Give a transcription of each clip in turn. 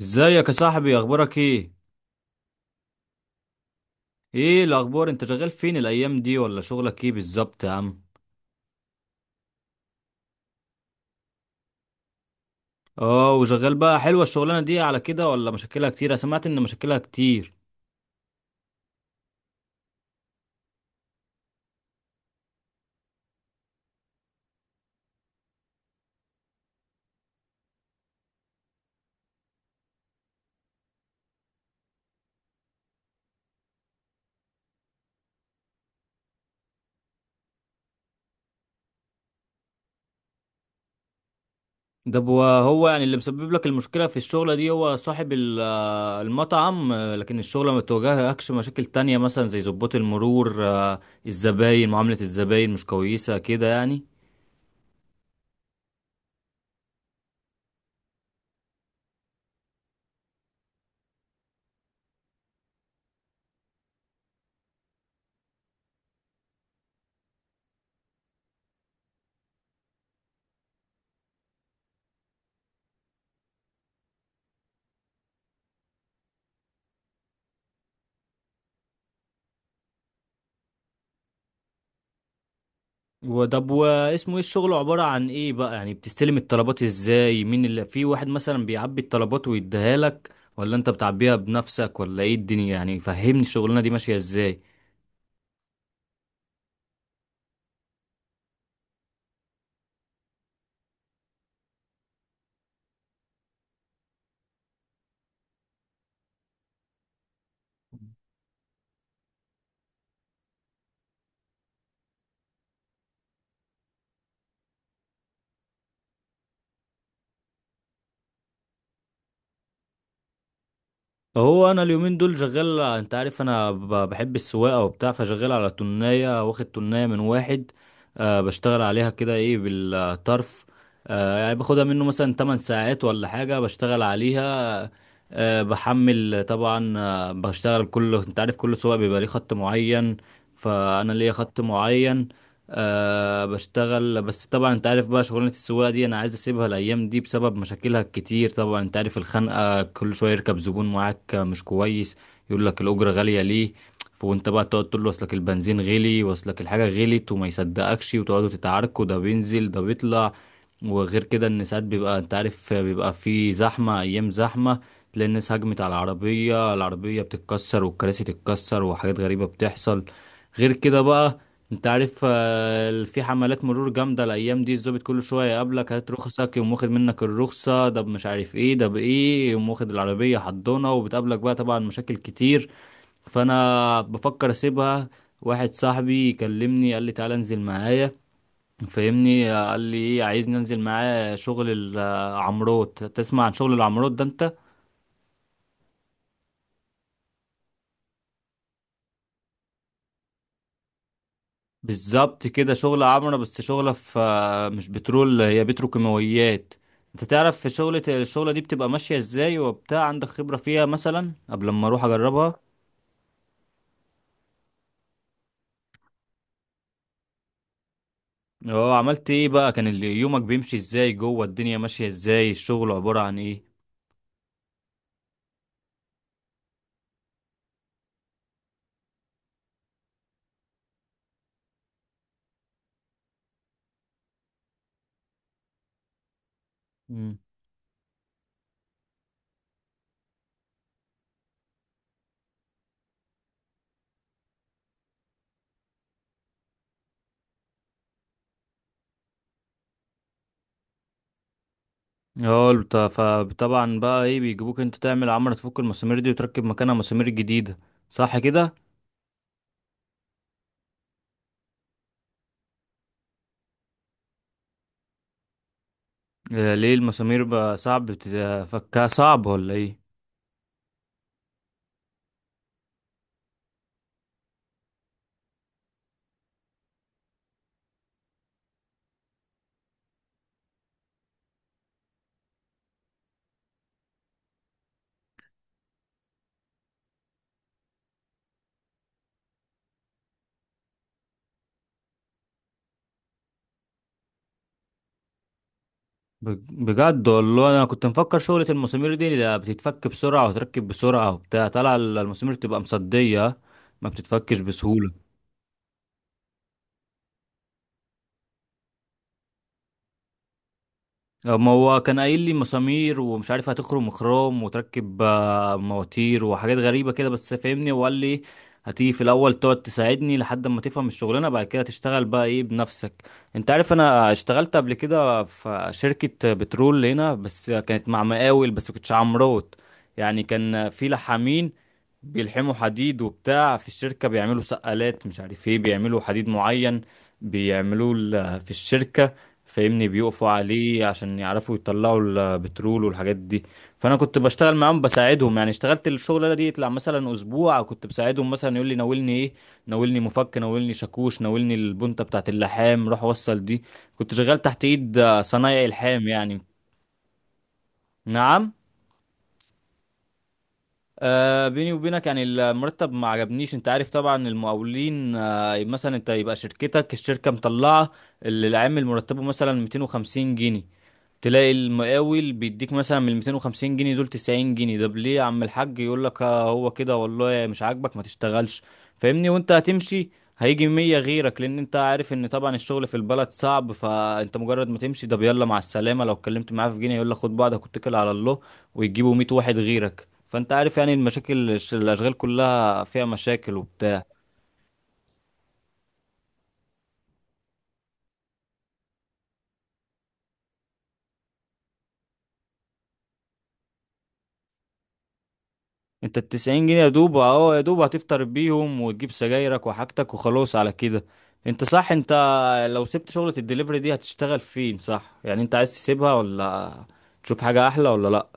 ازيك يا صاحبي؟ اخبارك ايه؟ ايه الاخبار، انت شغال فين الايام دي؟ ولا شغلك ايه بالظبط يا عم؟ اه، وشغال بقى؟ حلوه الشغلانه دي على كده ولا مشاكلها كتير؟ انا سمعت ان مشاكلها كتير. ده ب- هو يعني اللي مسبب لك المشكله في الشغله دي هو صاحب المطعم، لكن الشغله ما بتواجهكش مشاكل تانية مثلا زي ضباط المرور؟ الزباين، معامله الزباين مش كويسه كده يعني؟ وطب، واسمه ايه الشغل؟ عبارة عن ايه بقى يعني؟ بتستلم الطلبات ازاي؟ مين اللي في واحد مثلا بيعبي الطلبات ويديها لك ولا انت بتعبيها بنفسك ولا ايه الدنيا يعني؟ فهمني الشغلانة دي ماشية ازاي. هو انا اليومين دول شغال، انت عارف انا بحب السواقة وبتاع، فشغال على تناية، واخد تناية من واحد، آه. بشتغل عليها كده، ايه، بالطرف. آه، يعني باخدها منه مثلا 8 ساعات ولا حاجة، بشتغل عليها، آه. بحمل طبعا. آه، بشتغل. كل، انت عارف، كل سواق بيبقى ليه خط معين، فانا ليا خط معين، آه. بشتغل. بس طبعا انت عارف بقى شغلانة السواقة دي انا عايز اسيبها الايام دي بسبب مشاكلها الكتير. طبعا انت عارف الخنقة، كل شوية يركب زبون معاك مش كويس، يقول لك الاجرة غالية ليه، وانت بقى تقعد تقول له اصلك البنزين غلي واصلك الحاجه غلت، وما يصدقكش، وتقعدوا تتعاركوا، ده بينزل ده بيطلع. وغير كده ان ساعات بيبقى، انت عارف، بيبقى في زحمه، ايام زحمه، تلاقي الناس هجمت على العربيه، العربيه بتتكسر والكراسي تتكسر وحاجات غريبه بتحصل. غير كده بقى، انت عارف، في حملات مرور جامدة الأيام دي، الظابط كل شوية يقابلك، هات رخصك، يقوم واخد منك الرخصة، ده مش عارف ايه ده بإيه، يقوم واخد العربية حضنة، وبتقابلك بقى طبعا مشاكل كتير. فأنا بفكر أسيبها. واحد صاحبي كلمني قال لي تعالى انزل معايا، فاهمني، قال لي ايه، عايزني انزل معاه شغل العمروت. تسمع عن شغل العمروت ده انت؟ بالظبط كده، شغلة عمرة، بس شغلة في، مش بترول، هي بتروكيماويات. انت تعرف في شغلة، الشغلة دي بتبقى ماشية ازاي وبتاع؟ عندك خبرة فيها مثلا قبل ما اروح اجربها؟ اه، عملت ايه بقى؟ كان يومك بيمشي ازاي جوه؟ الدنيا ماشية ازاي، الشغل عبارة عن ايه؟ مم. اه، فطبعا بقى، ايه، بيجيبوك انت تعمل عمرة، تفك المسامير دي وتركب مكانها مسامير جديدة، صح كده؟ ليه المسامير بقى؟ صعب بتفكها، صعب ولا ايه؟ بجد والله، انا كنت مفكر شغلة المسامير دي لا، بتتفك بسرعة وتركب بسرعة وبتاع. طلع المسامير تبقى مصدية، ما بتتفكش بسهولة. ما هو كان قايل لي مسامير ومش عارف هتخرم خروم وتركب، مواتير وحاجات غريبة كده، بس فاهمني، وقال لي هتيجي في الاول تقعد تساعدني لحد ما تفهم الشغلانة، بعد كده تشتغل بقى، ايه، بنفسك. انت عارف انا اشتغلت قبل كده في شركة بترول هنا، بس كانت مع مقاول، بس كنتش عمروت. يعني كان في لحامين بيلحموا حديد وبتاع في الشركة، بيعملوا سقالات، مش عارف ايه، بيعملوا حديد معين، بيعملوه في الشركة. فاهمني، بيقفوا عليه عشان يعرفوا يطلعوا البترول والحاجات دي. فانا كنت بشتغل معاهم بساعدهم. يعني اشتغلت الشغلانه دي يطلع مثلا اسبوع، كنت بساعدهم، مثلا يقول لي ناولني ايه، ناولني مفك، ناولني شاكوش، ناولني البنطه بتاعت اللحام، روح وصل دي. كنت شغال تحت ايد، صنايعي الحام يعني. نعم. آه، بيني وبينك، يعني المرتب ما عجبنيش. انت عارف طبعا المقاولين، آه، مثلا انت يبقى شركتك، الشركة مطلعة اللي العامل مرتبه مثلا 250 جنيه، تلاقي المقاول بيديك مثلا من 250 جنيه دول 90 جنيه. ده ليه يا عم الحاج؟ يقول لك آه هو كده والله، مش عاجبك ما تشتغلش. فاهمني، وانت هتمشي، هيجي 100 غيرك، لان انت عارف ان طبعا الشغل في البلد صعب، فانت مجرد ما تمشي ده، يلا مع السلامة. لو اتكلمت معاه في جنيه يقول لك خد بعضك واتكل على الله، ويجيبوا 100 واحد غيرك. فانت عارف يعني المشاكل، الاشغال كلها فيها مشاكل وبتاع. انت ال 90 جنيه يا دوب، اهو يا دوب هتفطر بيهم وتجيب سجايرك وحاجتك وخلاص على كده. انت صح. انت لو سبت شغلة الدليفري دي هتشتغل فين؟ صح يعني انت عايز تسيبها ولا تشوف حاجة احلى، ولا لا؟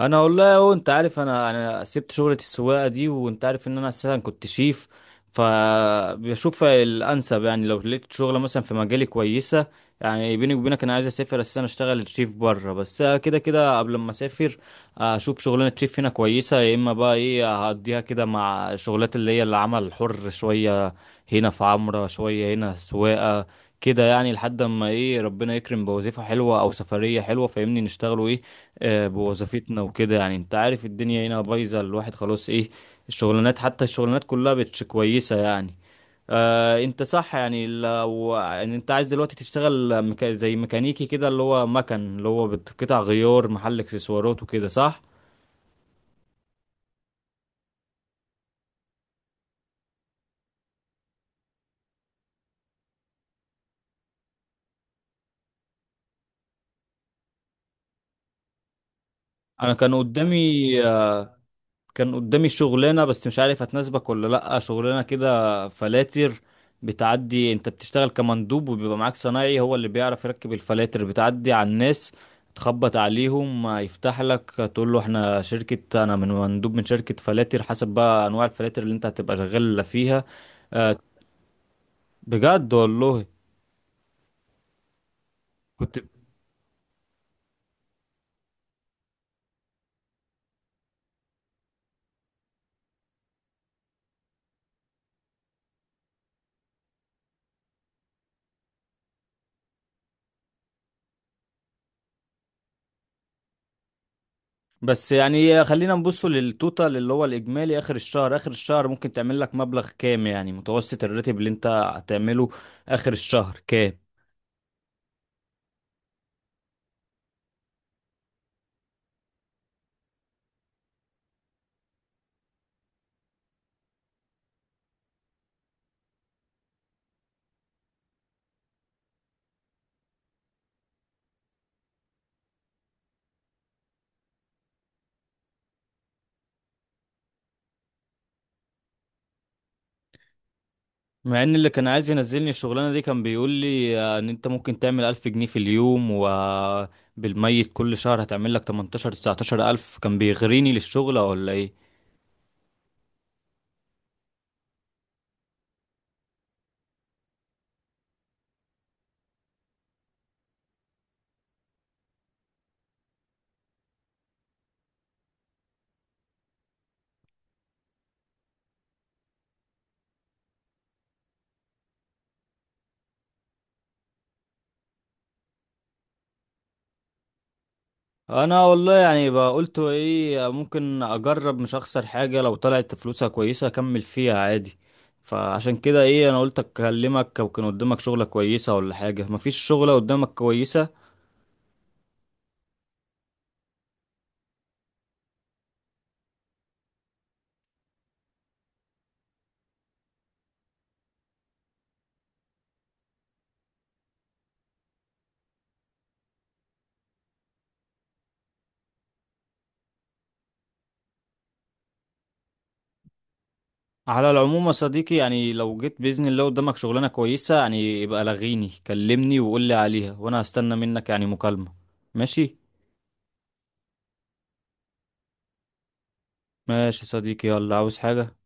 انا والله اهو، انت عارف انا سبت شغلة السواقة دي وانت عارف ان انا اساسا كنت شيف، فبشوف الانسب. يعني لو لقيت شغلة مثلا في مجالي كويسة، يعني بيني وبينك انا عايز اسافر اساسا اشتغل شيف بره، بس كده كده قبل ما اسافر اشوف شغلانة شيف هنا كويسة، يا اما بقى، ايه، هقضيها كده مع شغلات اللي هي العمل الحر، شوية هنا في عمرة، شوية هنا سواقة، كده يعني، لحد اما، ايه، ربنا يكرم بوظيفة حلوة او سفرية حلوة، فاهمني، نشتغلوا، ايه، آه، بوظيفتنا وكده. يعني انت عارف الدنيا هنا بايظة، الواحد خلاص، ايه، الشغلانات، حتى الشغلانات كلها بتش كويسة يعني. آه انت صح. يعني لو يعني انت عايز دلوقتي تشتغل زي ميكانيكي كده، اللي هو مكن، اللي هو قطع غيار، محل اكسسوارات وكده، صح؟ انا كان قدامي شغلانة، بس مش عارف هتناسبك ولا لأ. شغلانة كده فلاتر، بتعدي، انت بتشتغل كمندوب، وبيبقى معاك صنايعي هو اللي بيعرف يركب الفلاتر. بتعدي على الناس، تخبط عليهم، يفتح لك، تقول له احنا شركة، انا من مندوب من شركة فلاتر، حسب بقى انواع الفلاتر اللي انت هتبقى شغال فيها. آه، بجد والله، كنت، بس يعني خلينا نبصوا للتوتال، اللي هو الإجمالي آخر الشهر. آخر الشهر ممكن تعمل لك مبلغ كام؟ يعني متوسط الراتب اللي أنت هتعمله آخر الشهر كام؟ مع إن اللي كان عايز ينزلني الشغلانة دي كان بيقول لي، إن أنت ممكن تعمل ألف جنيه في اليوم، وبالميت كل شهر هتعمل لك 18 19 ألف. كان بيغريني للشغل ولا إيه؟ انا والله يعني بقى قلت ايه ممكن اجرب، مش اخسر حاجه، لو طلعت فلوسها كويسه اكمل فيها عادي. فعشان كده، ايه، انا قلت اكلمك، او كان قدامك شغله كويسه ولا حاجه؟ مفيش شغله قدامك كويسه؟ على العموم يا صديقي، يعني لو جيت باذن الله قدامك شغلانه كويسه، يعني يبقى لغيني كلمني وقول لي عليها، وانا هستنى منك يعني مكالمه، ماشي؟ ماشي يا صديقي، يلا. عاوز حاجه؟